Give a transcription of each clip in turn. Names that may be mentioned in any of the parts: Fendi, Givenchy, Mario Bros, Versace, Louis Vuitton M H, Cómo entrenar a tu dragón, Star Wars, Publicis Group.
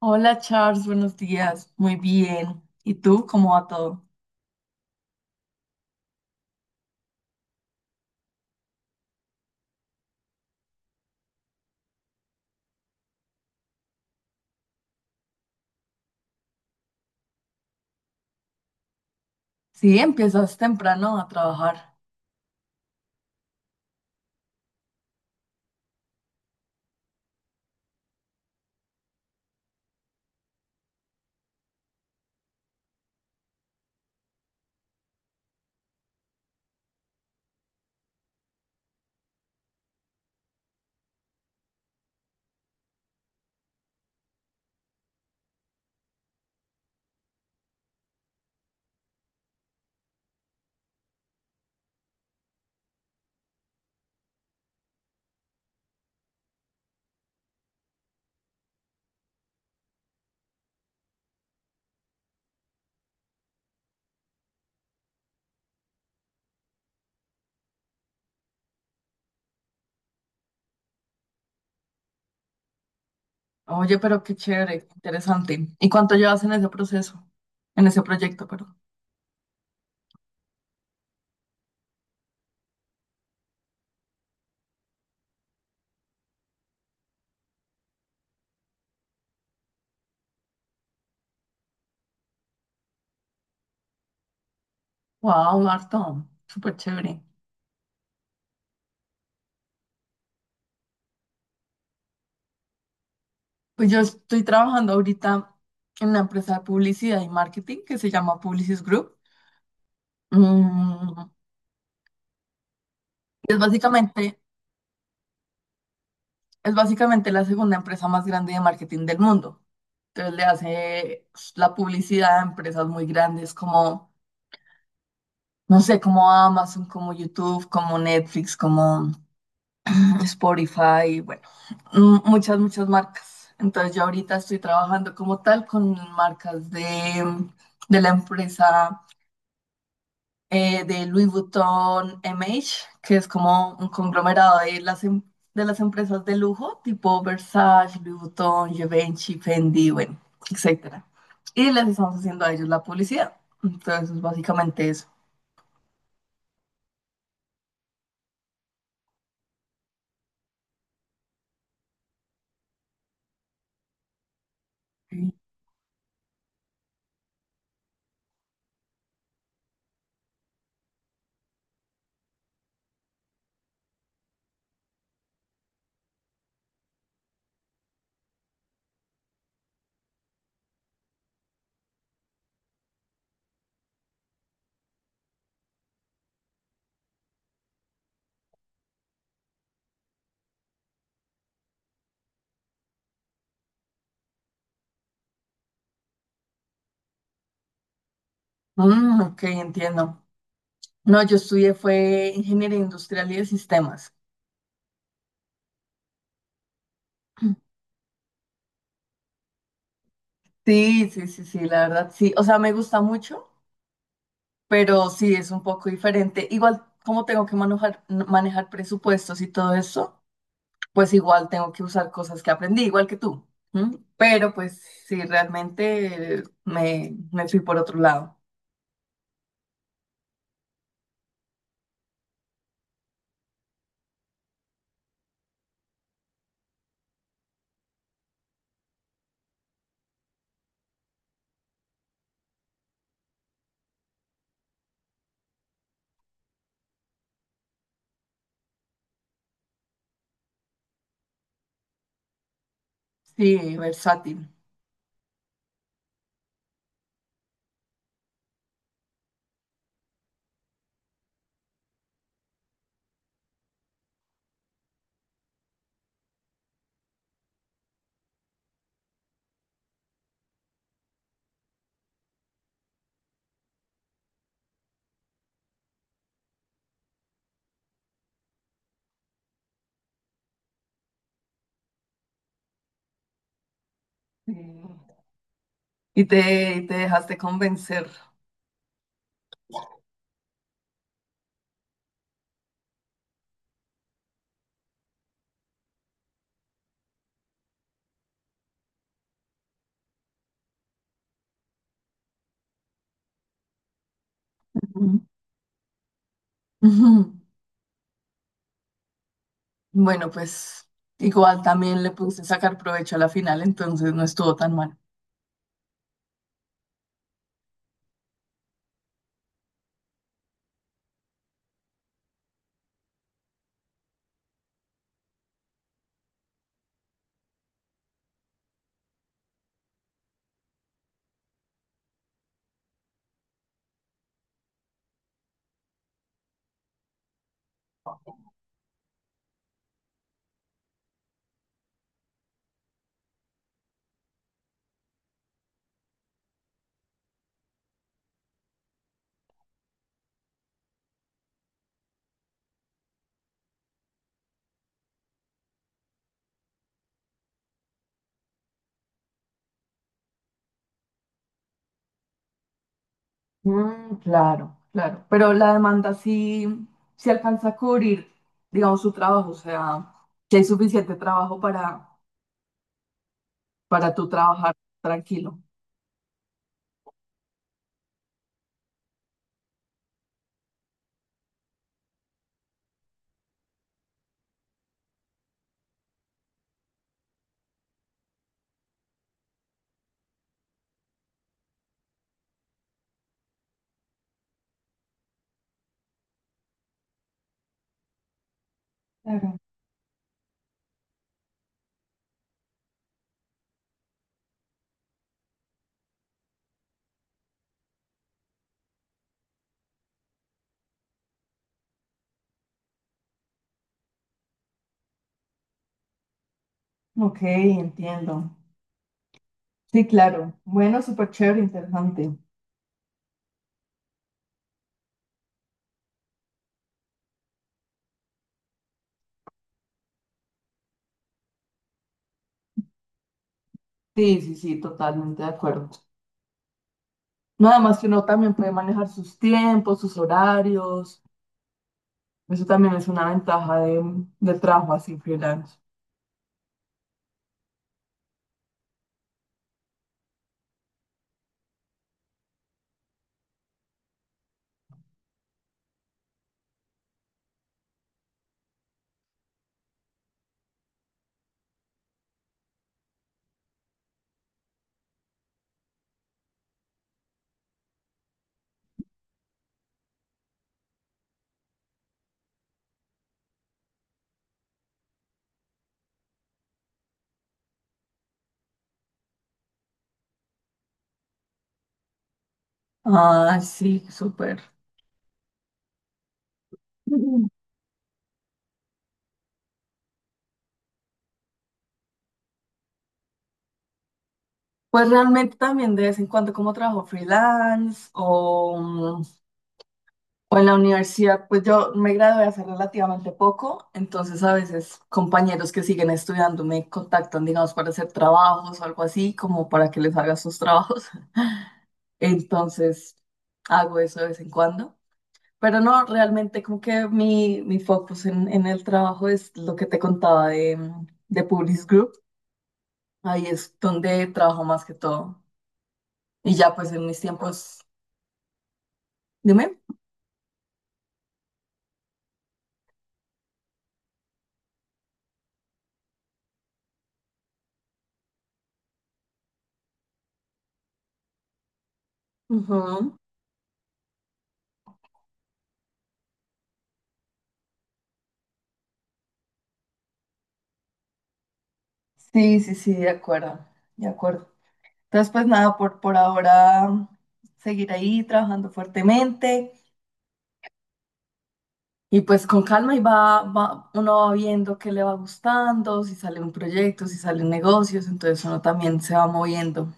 Hola Charles, buenos días. Muy bien. ¿Y tú cómo va todo? Sí, empiezas temprano a trabajar. Oye, pero qué chévere, qué interesante. ¿Y cuánto llevas en ese proceso? En ese proyecto, perdón. Wow, harto. Súper chévere. Pues yo estoy trabajando ahorita en una empresa de publicidad y marketing que se llama Publicis Group. Mm, es básicamente. Es básicamente la segunda empresa más grande de marketing del mundo. Entonces le hace pues la publicidad a empresas muy grandes como, no sé, como Amazon, como YouTube, como Netflix, como Spotify, bueno, muchas, muchas marcas. Entonces yo ahorita estoy trabajando como tal con marcas de la empresa, de Louis Vuitton M H, que es como un conglomerado de las, de las empresas de lujo, tipo Versace, Louis Vuitton, Givenchy, Fendi, bueno, etcétera. Y les estamos haciendo a ellos la publicidad. Entonces, es básicamente eso. Sí. Mm, ok, entiendo. No, yo estudié fue ingeniería industrial y de sistemas. Sí, sí, sí, sí, la verdad, sí. O sea, me gusta mucho, pero sí es un poco diferente. Igual, como tengo que manejar presupuestos y todo eso, pues igual tengo que usar cosas que aprendí, igual que tú. ¿M? Pero pues sí, realmente me fui por otro lado. Sí, versátil. Sí. Y te dejaste convencer. Ujú. Ujú. Bueno, pues igual también le puse sacar provecho a la final, entonces no estuvo tan mal. Mm, claro, claro. Pero la demanda sí, sí alcanza a cubrir, digamos, su trabajo, o sea, que hay suficiente trabajo para tú trabajar tranquilo. Claro. Ok, entiendo. Sí, claro. Bueno, súper chévere, interesante. Sí, sí, sí, totalmente de acuerdo. Nada más que uno también puede manejar sus tiempos, sus horarios. Eso también es una ventaja del trabajo así freelance. Ah, sí, súper. Ujú. Pues realmente también de vez en cuando como trabajo freelance o o en la universidad. Pues yo me gradué hace relativamente poco, entonces a veces compañeros que siguen estudiando me contactan, digamos, para hacer trabajos o algo así, como para que les haga sus trabajos. Entonces hago eso de vez en cuando. Pero no, realmente como que mi focus en el trabajo es lo que te contaba de, mm, de Publis Group. Ahí es donde trabajo más que todo. Y ya pues en mis tiempos, dime. Ujú. Sí, sí, sí, de acuerdo, de acuerdo. Entonces, pues nada, por ahora seguir ahí trabajando fuertemente y pues con calma y uno va viendo qué le va gustando, si sale un proyecto, si salen negocios, entonces uno también se va moviendo.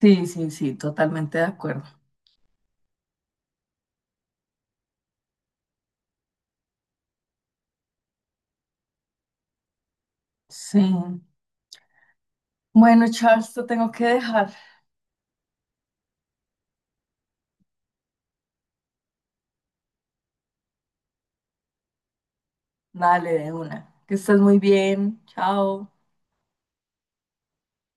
Sí, sí, sí, totalmente de acuerdo. Sí. Bueno, Charles, te tengo que dejar. Dale, de una. Que estés muy bien. Chao.